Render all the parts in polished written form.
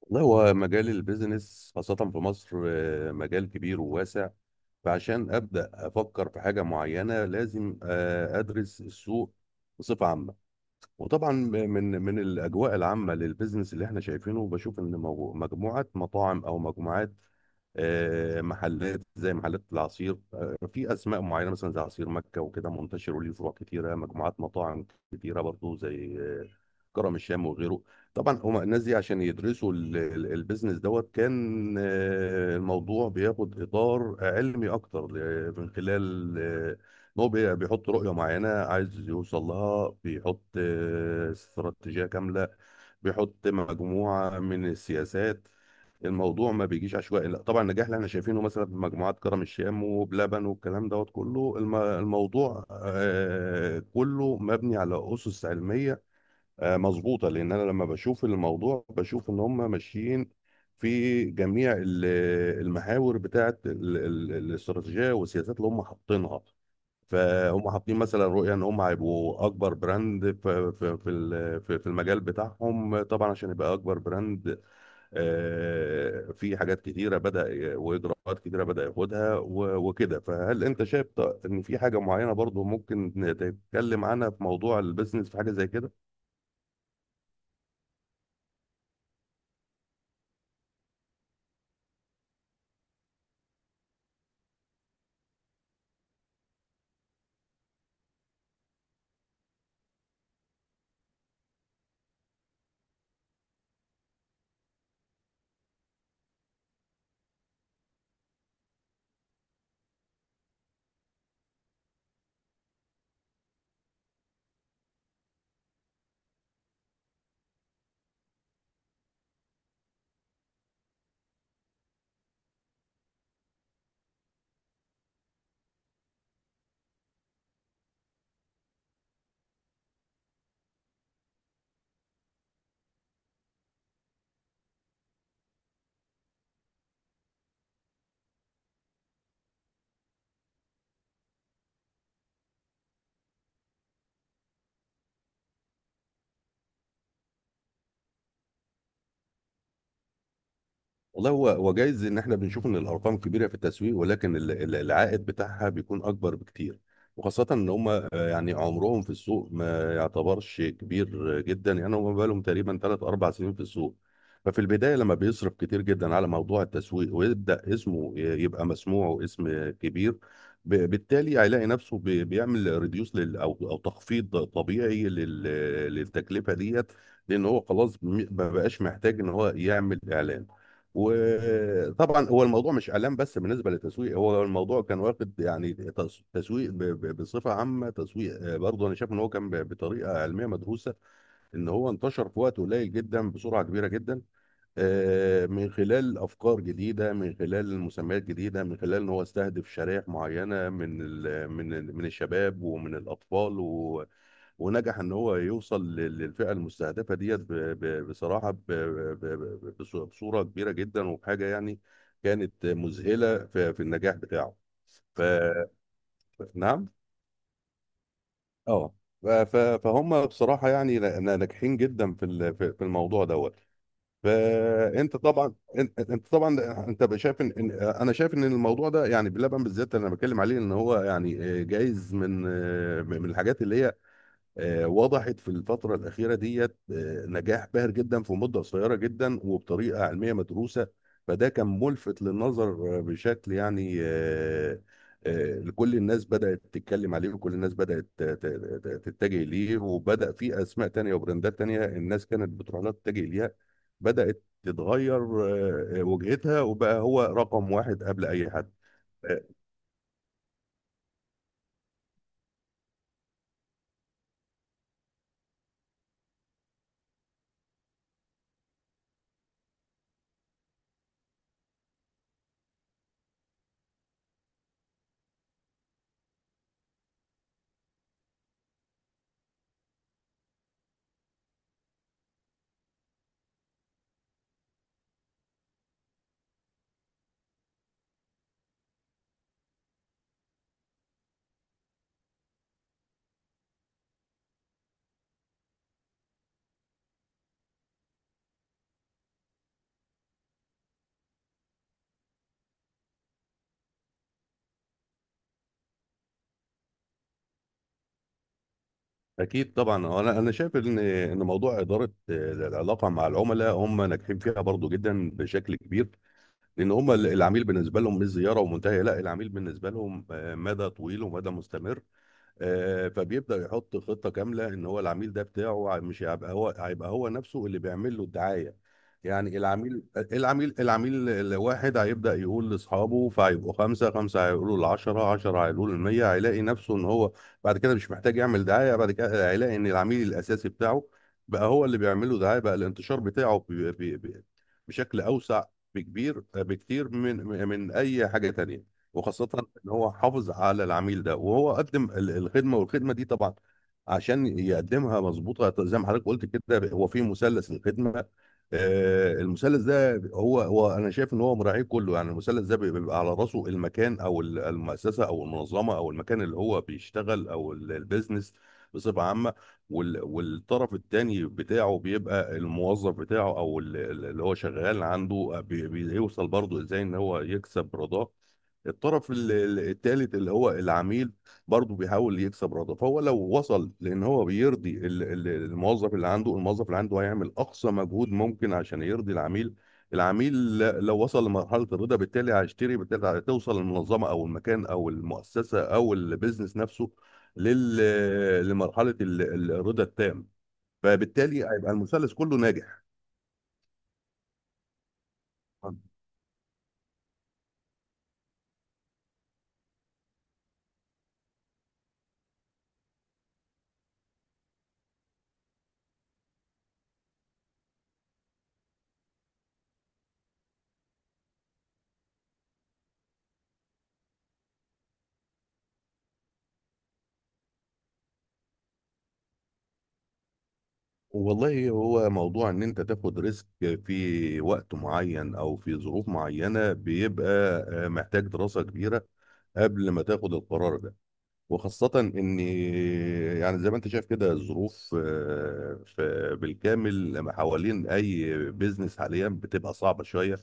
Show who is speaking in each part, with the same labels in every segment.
Speaker 1: والله هو مجال البيزنس خاصة في مصر، مجال كبير وواسع. فعشان أبدأ أفكر في حاجة معينة لازم أدرس السوق بصفة عامة. وطبعا من الاجواء العامه للبيزنس اللي احنا شايفينه بشوف ان مجموعه مطاعم او مجموعات، محلات زي محلات العصير، في اسماء معينه مثلا زي عصير مكه وكده، منتشر وليه فروع كتيره. مجموعات مطاعم كتيره برضو زي كرم الشام وغيره. طبعا هما الناس دي عشان يدرسوا البيزنس دوت كان، الموضوع بياخد اطار علمي اكتر، آه، من خلال آه، هو بيحط رؤية معينة عايز يوصل لها، بيحط استراتيجية كاملة، بيحط مجموعة من السياسات. الموضوع ما بيجيش عشوائي، لا طبعا. النجاح اللي احنا شايفينه مثلا في مجموعات كرم الشام وبلبن والكلام دوت كله، الموضوع كله مبني على أسس علمية مظبوطة. لأن أنا لما بشوف الموضوع بشوف إن هم ماشيين في جميع المحاور بتاعت الاستراتيجية والسياسات اللي هم حاطينها. فهم حاطين مثلا رؤية ان هم هيبقوا اكبر براند في في في ال- في في المجال بتاعهم. طبعا عشان يبقى اكبر براند، في حاجات كتيرة بدأ واجراءات كتيرة بدأ ياخدها وكده. فهل انت شايف ان في حاجة معينة برضو ممكن نتكلم عنها في موضوع البيزنس، في حاجة زي كده؟ والله هو جايز ان احنا بنشوف ان الارقام كبيره في التسويق، ولكن العائد بتاعها بيكون اكبر بكتير. وخاصه ان هم، يعني عمرهم في السوق ما يعتبرش كبير جدا، يعني هم بقالهم تقريبا 3 4 سنين في السوق. ففي البدايه لما بيصرف كتير جدا على موضوع التسويق ويبدا اسمه يبقى مسموع واسم كبير، بالتالي هيلاقي نفسه بيعمل ريديوس لل او تخفيض طبيعي للتكلفه ديت، لان هو خلاص ما بقاش محتاج ان هو يعمل اعلان. وطبعا هو الموضوع مش اعلام بس بالنسبه للتسويق، هو الموضوع كان واخد يعني تسويق بصفه عامه. تسويق برضه انا شايف ان هو كان بطريقه علميه مدروسه، ان هو انتشر في وقت قليل جدا بسرعه كبيره جدا، من خلال افكار جديده، من خلال مسميات جديده، من خلال ان هو استهدف شرائح معينه من الشباب ومن الاطفال. ونجح ان هو يوصل للفئه المستهدفه ديت بصراحه، بصوره كبيره جدا، وبحاجه يعني كانت مذهله في في النجاح بتاعه. ف نعم. اه. فهم بصراحه يعني ناجحين جدا في في الموضوع دوت. فانت طبعا انت طبعا انت بقى شايف ان انا شايف ان الموضوع ده، يعني بلبن بالذات انا بتكلم عليه، ان هو يعني جايز من الحاجات اللي هي وضحت في الفترة الأخيرة ديت. نجاح باهر جدا في مدة قصيرة جدا وبطريقة علمية مدروسة. فده كان ملفت للنظر آه، بشكل يعني آه، آه، كل الناس بدأت تتكلم عليه وكل الناس بدأت تتجه ليه. وبدأ في أسماء تانية وبراندات تانية الناس كانت بتروح لها، تتجه ليها، بدأت تتغير وجهتها، وبقى هو رقم واحد قبل أي حد. اكيد طبعا. هو انا شايف ان ان موضوع اداره العلاقه مع العملاء هم ناجحين فيها برضو جدا بشكل كبير، لان هم العميل بالنسبه لهم مش زياره ومنتهيه، لا، العميل بالنسبه لهم مدى طويل ومدى مستمر. فبيبدأ يحط خطة كاملة ان هو العميل ده بتاعه مش هيبقى هو نفسه اللي بيعمل له الدعاية. يعني العميل العميل الواحد هيبدأ يقول لأصحابه، فهيبقوا خمسة، خمسة هيقولوا لعشرة، عشرة هيقولوا للمية. هيلاقي نفسه ان هو بعد كده مش محتاج يعمل دعاية، بعد كده هيلاقي ان العميل الأساسي بتاعه بقى هو اللي بيعمل له دعاية، بقى الانتشار بتاعه بشكل أوسع، بكبير بكتير من أي حاجة تانية. وخاصة ان هو حافظ على العميل ده، وهو قدم الخدمة. والخدمة دي طبعا عشان يقدمها مظبوطة زي ما حضرتك قلت كده، هو في مثلث الخدمة. المثلث ده هو انا شايف ان هو مراعيه كله. يعني المثلث ده بيبقى على راسه المكان او المؤسسة او المنظمة او المكان اللي هو بيشتغل او البيزنس بصفة عامة. والطرف التاني بتاعه بيبقى الموظف بتاعه او اللي هو شغال عنده، بيوصل برضه ازاي ان هو يكسب رضاه. الطرف التالت اللي هو العميل، برضه بيحاول يكسب رضا. فهو لو وصل لان هو بيرضي الموظف اللي عنده، الموظف اللي عنده هيعمل اقصى مجهود ممكن عشان يرضي العميل. العميل لو وصل لمرحلة الرضا بالتالي هيشتري، بالتالي هتوصل المنظمة او المكان او المؤسسة او البيزنس نفسه لمرحلة الرضا التام. فبالتالي هيبقى المثلث كله ناجح. والله هو موضوع ان انت تاخد ريسك في وقت معين او في ظروف معينة بيبقى محتاج دراسة كبيرة قبل ما تاخد القرار ده. وخاصة إن، يعني زي ما أنت شايف كده الظروف في بالكامل ما حوالين أي بيزنس حاليا بتبقى صعبة شوية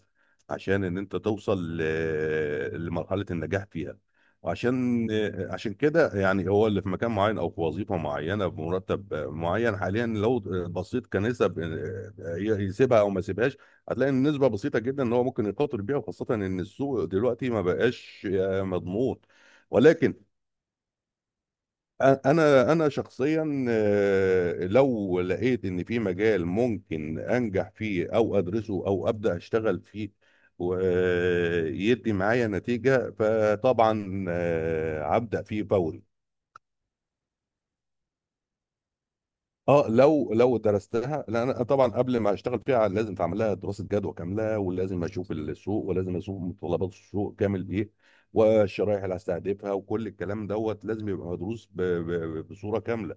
Speaker 1: عشان إن أنت توصل لمرحلة النجاح فيها. وعشان عشان كده، يعني هو اللي في مكان معين أو في وظيفة معينة بمرتب معين حاليا، لو بصيت كنسب يسيبها أو ما يسيبهاش، هتلاقي إن النسبة بسيطة جدا إن هو ممكن يخاطر بيها، وخاصة إن السوق دلوقتي ما بقاش مضمون. ولكن انا شخصيا، لو لقيت ان في مجال ممكن انجح فيه او ادرسه او ابدا اشتغل فيه ويدي معايا نتيجه، فطبعا هبدا فيه فوري. اه، لو درستها، لان انا طبعا قبل ما اشتغل فيها لازم تعمل لها دراسه جدوى كامله، ولازم اشوف السوق، ولازم اشوف متطلبات السوق كامل ايه، والشرائح اللي هستهدفها وكل الكلام دوت لازم يبقى مدروس بصوره كامله.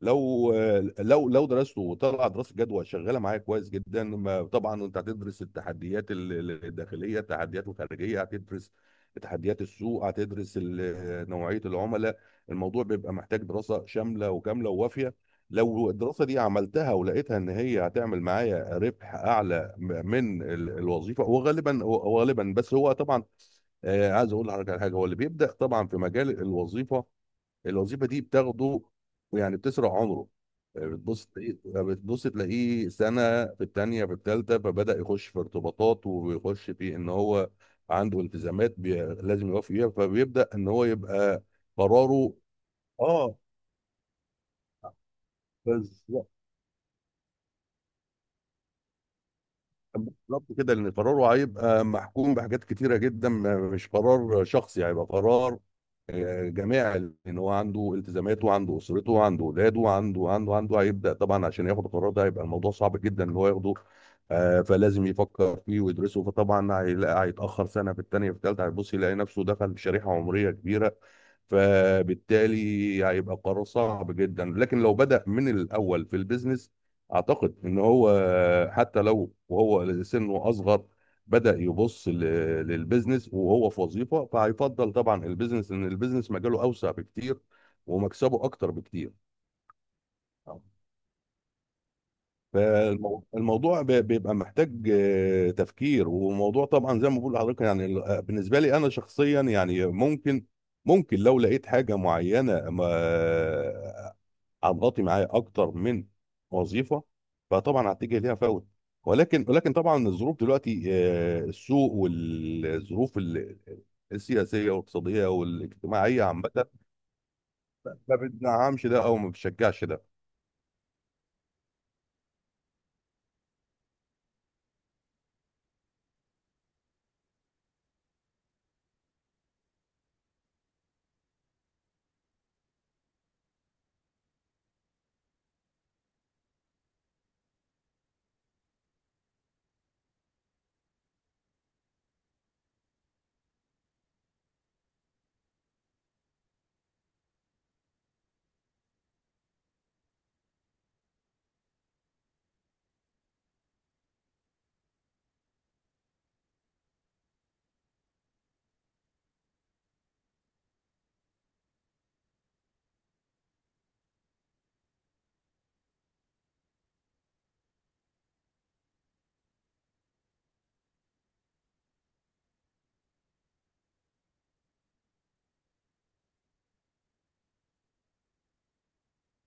Speaker 1: لو لو درسته وطلع دراسه جدوى شغاله معايا كويس جدا، طبعا انت هتدرس التحديات الداخليه، التحديات الخارجيه، هتدرس تحديات السوق، هتدرس نوعيه العملاء. الموضوع بيبقى محتاج دراسه شامله وكامله ووافيه. لو الدراسه دي عملتها ولقيتها ان هي هتعمل معايا ربح اعلى من الوظيفه، وغالبا، وغالبا بس هو طبعا عايز اقول لحضرتك على حاجه. هو اللي بيبدا طبعا في مجال الوظيفه، الوظيفه دي بتاخده، يعني بتسرع عمره، بتبص تلاقيه بتبص تلاقيه سنه في الثانيه في الثالثه، فبدا يخش في ارتباطات، ويخش في ان هو عنده التزامات لازم يوفي فيها. فبيبدا ان هو يبقى قراره، اه، بالظبط، بالظبط كده، لان قراره هيبقى محكوم بحاجات كتيره جدا، مش قرار شخصي، هيبقى قرار جماعي، لان هو عنده التزاماته وعنده اسرته وعنده اولاده وعنده هيبدا طبعا. عشان ياخد القرار ده هيبقى الموضوع صعب جدا ان هو ياخده، فلازم يفكر فيه ويدرسه. فطبعا هيلاقي هيتاخر سنه في الثانيه في الثالثه، هيبص يلاقي نفسه دخل في شريحه عمريه كبيره، فبالتالي هيبقى قرار صعب جدا. لكن لو بدأ من الأول في البيزنس، أعتقد إن هو حتى لو وهو سنه أصغر بدأ يبص للبيزنس وهو في وظيفة، فهيفضل طبعا البيزنس، إن البيزنس مجاله أوسع بكتير ومكسبه أكتر بكتير. فالموضوع بيبقى محتاج تفكير. وموضوع طبعا زي ما بقول لحضرتك يعني بالنسبة لي أنا شخصيا يعني ممكن، ممكن لو لقيت حاجة معينة ما هتغطي معايا اكتر من وظيفه، فطبعا هتجي ليها فوت. ولكن طبعا الظروف دلوقتي، السوق والظروف السياسيه والاقتصاديه والاجتماعيه عامه ما بتدعمش ده او ما بتشجعش ده.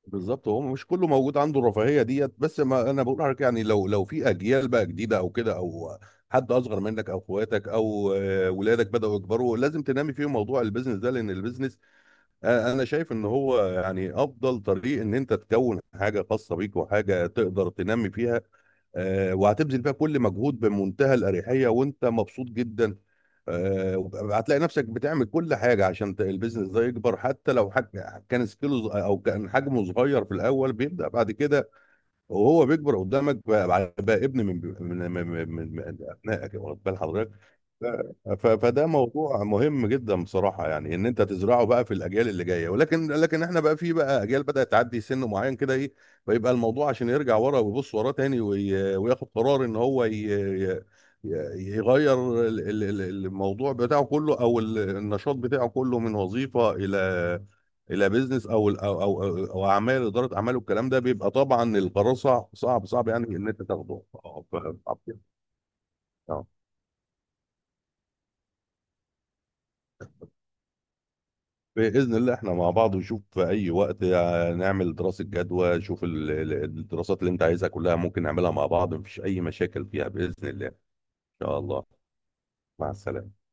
Speaker 1: بالظبط. هو مش كله موجود عنده الرفاهيه ديت، بس ما انا بقول لك يعني، لو في اجيال بقى جديده او كده، او حد اصغر منك او اخواتك او ولادك بداوا يكبروا، لازم تنامي فيهم موضوع البيزنس ده. لان البيزنس، أنا شايف ان هو يعني افضل طريق، ان انت تكون حاجه خاصه بيك وحاجه تقدر تنمي فيها. وهتبذل فيها كل مجهود بمنتهى الاريحيه وانت مبسوط جدا. هتلاقي نفسك بتعمل كل حاجه عشان البيزنس ده يكبر. حتى لو كان سكيله او كان حجمه صغير في الاول، بيبدا بعد كده وهو بيكبر قدامك، بقى بقى ابن من ابنائك، واخد بال حضرتك. فده موضوع مهم جدا بصراحه، يعني ان انت تزرعه بقى في الاجيال اللي جايه. لكن احنا بقى في بقى اجيال بدات تعدي سن معين كده ايه، فيبقى الموضوع عشان يرجع ورا ويبص وراه تاني وياخد قرار ان هو ي- يغير الموضوع بتاعه كله او النشاط بتاعه كله من وظيفه الى، الى بيزنس او أو اعمال اداره اعمال والكلام ده. بيبقى طبعا القرار صعب صعب، يعني ان انت تاخده، آه. بإذن الله احنا مع بعض، وشوف في أي وقت نعمل دراسة جدوى. شوف الدراسات اللي أنت عايزها كلها ممكن نعملها مع بعض، مفيش أي مشاكل فيها بإذن الله. إن شاء الله. مع السلامة.